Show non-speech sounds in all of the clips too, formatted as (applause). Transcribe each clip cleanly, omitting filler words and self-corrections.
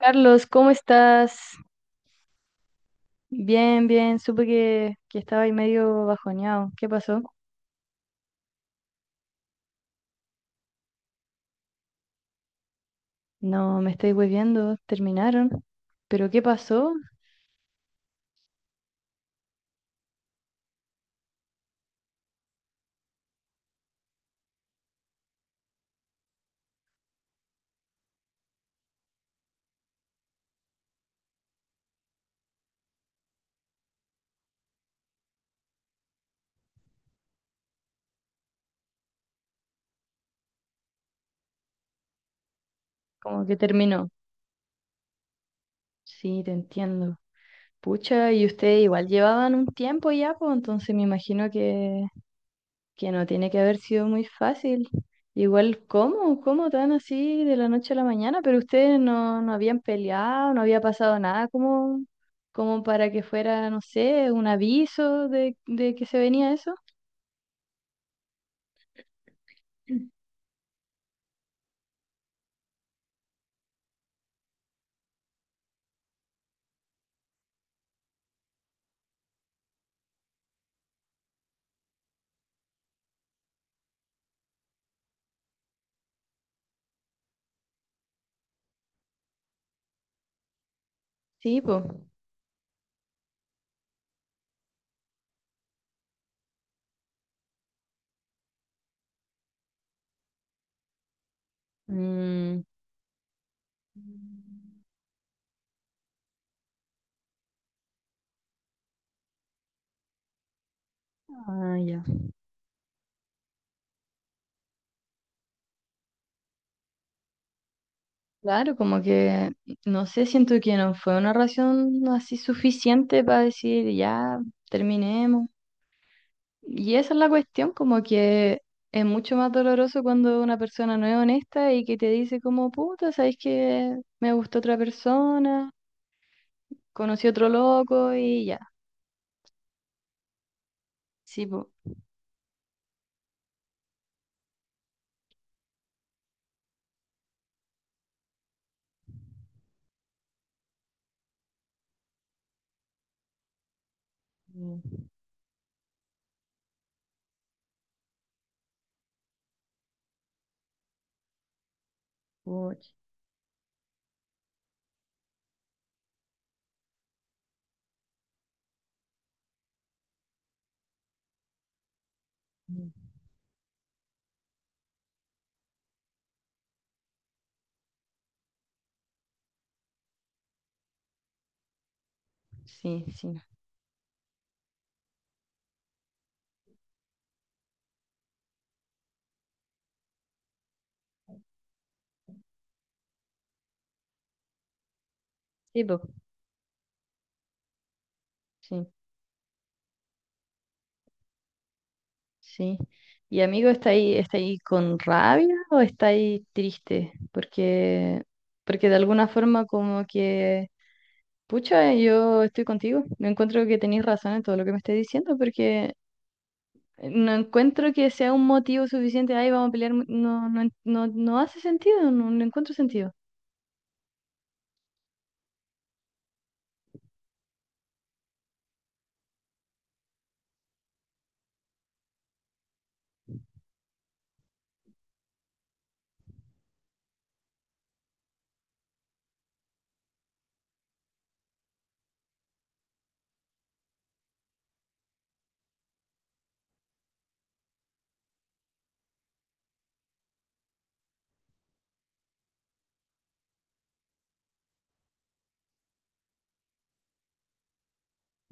Carlos, ¿cómo estás? Bien, bien. Supe que estaba ahí medio bajoneado. ¿Qué pasó? No, me estoy volviendo. Terminaron. ¿Pero qué pasó? Como que terminó. Sí, te entiendo. Pucha, y ustedes igual llevaban un tiempo ya, pues entonces me imagino que no tiene que haber sido muy fácil. Igual, ¿cómo? ¿Cómo tan así de la noche a la mañana? Pero ustedes no habían peleado, no había pasado nada como, como para que fuera, no sé, un aviso de que se venía eso. Sí, pues. Ah, ya. Claro, como que, no sé, siento que no fue una razón así suficiente para decir, ya, terminemos. Y esa es la cuestión, como que es mucho más doloroso cuando una persona no es honesta y que te dice como, puta, ¿sabes que me gustó otra persona, conocí otro loco y ya? Sí, po. Mm, puch, mm. Sí, sí. Sí, po. Sí, sí. Y amigo, está ahí con rabia o está ahí triste? Porque, porque de alguna forma como que, pucha, yo estoy contigo. Me encuentro que tenéis razón en todo lo que me estés diciendo, porque no encuentro que sea un motivo suficiente, ay, vamos a pelear, no, no, no, no hace sentido, no, no encuentro sentido.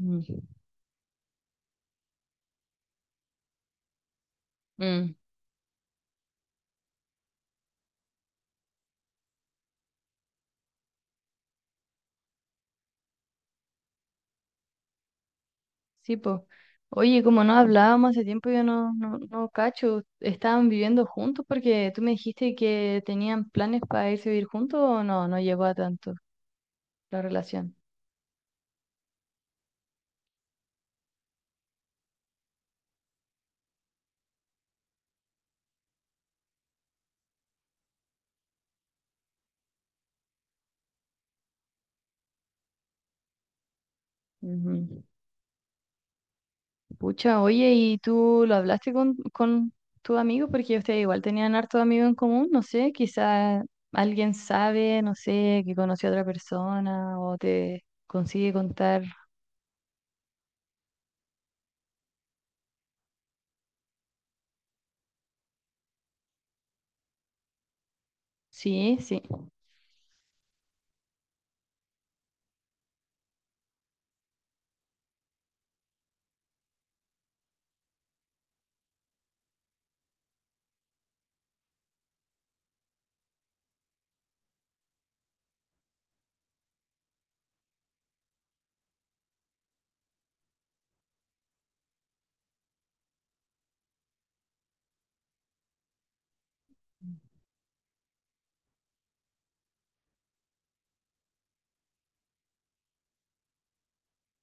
Mm. Mm, sí, pues. Oye, como no hablábamos hace tiempo, yo no cacho, ¿estaban viviendo juntos? Porque tú me dijiste que tenían planes para irse a vivir juntos o no, no llegó a tanto la relación. Pucha, oye, ¿y tú lo hablaste con tu amigo? Porque ustedes igual tenían harto amigos en común, no sé, quizá alguien sabe, no sé, que conoció a otra persona o te consigue contar. Sí, sí,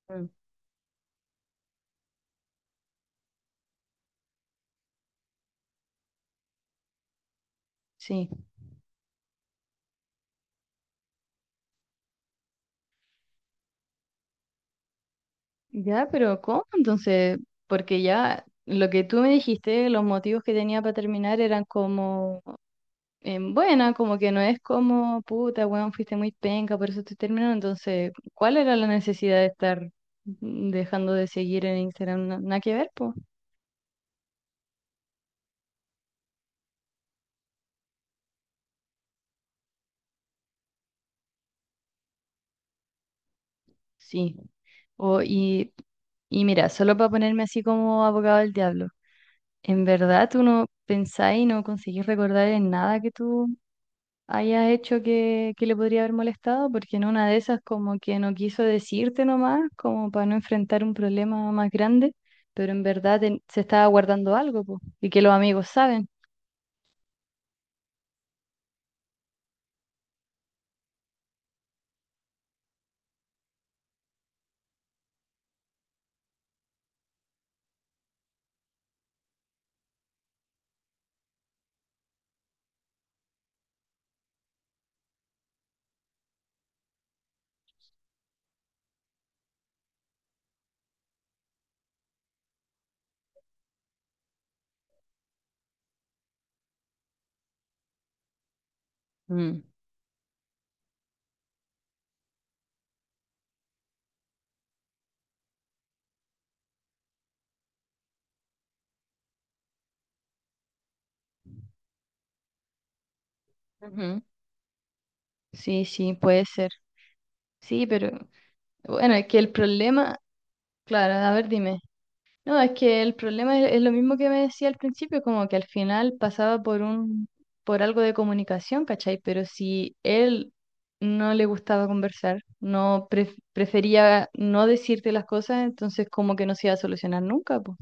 mm, sí. Ya, pero ¿cómo? Entonces, porque ya lo que tú me dijiste, los motivos que tenía para terminar eran como em, buena, como que no es como, puta, weón, fuiste muy penca, por eso te terminando. Entonces, ¿cuál era la necesidad de estar dejando de seguir en Instagram? Nada que ver, pues. Sí. O, y mira, solo para ponerme así como abogado del diablo, ¿en verdad tú no pensás y no conseguís recordar en nada que tú haya hecho que le podría haber molestado, porque en una de esas como que no quiso decirte nomás, como para no enfrentar un problema más grande, pero en verdad se estaba guardando algo, po, y que los amigos saben? Mm. Ujú. Sí, sí, puede ser. Sí, pero bueno, es que el problema, claro, a ver, dime. No, es que el problema es lo mismo que me decía al principio, como que al final pasaba por un, por algo de comunicación, ¿cachai? Pero si él no le gustaba conversar, no prefería no decirte las cosas, entonces como que no se iba a solucionar nunca, pues.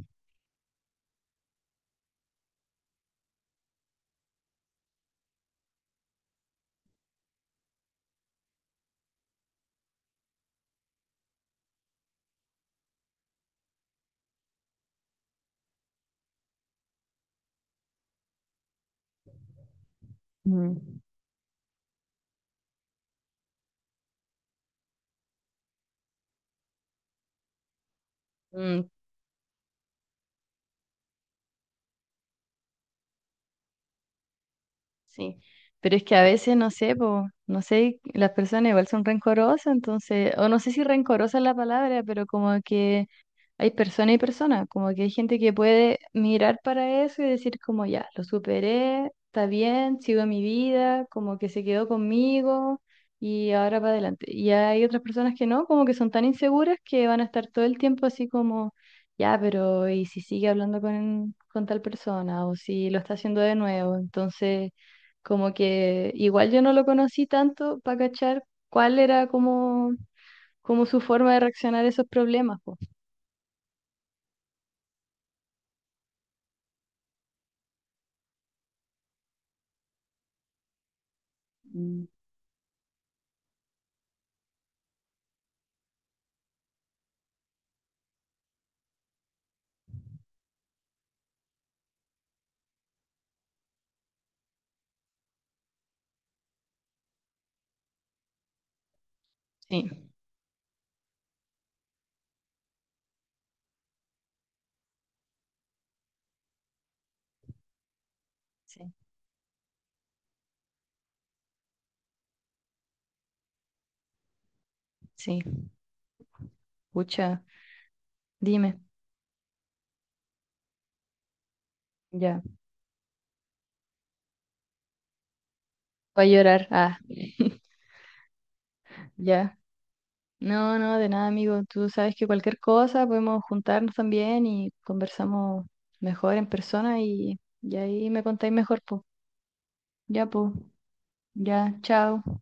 Mm. Sí, pero es que a veces no sé, po, no sé, las personas igual son rencorosas, entonces, o no sé si rencorosa es la palabra, pero como que hay persona y persona, como que hay gente que puede mirar para eso y decir como ya, lo superé, está bien, sigo mi vida, como que se quedó conmigo y ahora para adelante. Y hay otras personas que no, como que son tan inseguras que van a estar todo el tiempo así como, ya, pero ¿y si sigue hablando con tal persona o si lo está haciendo de nuevo? Entonces... Como que igual yo no lo conocí tanto para cachar cuál era como, como su forma de reaccionar a esos problemas, po. Sí, sí, sí. Pucha, dime, ya. Voy a llorar. Ah, (laughs) ya. No, no, de nada, amigo. Tú sabes que cualquier cosa podemos juntarnos también y conversamos mejor en persona y ahí me contáis mejor, po. Ya, po. Ya, chao.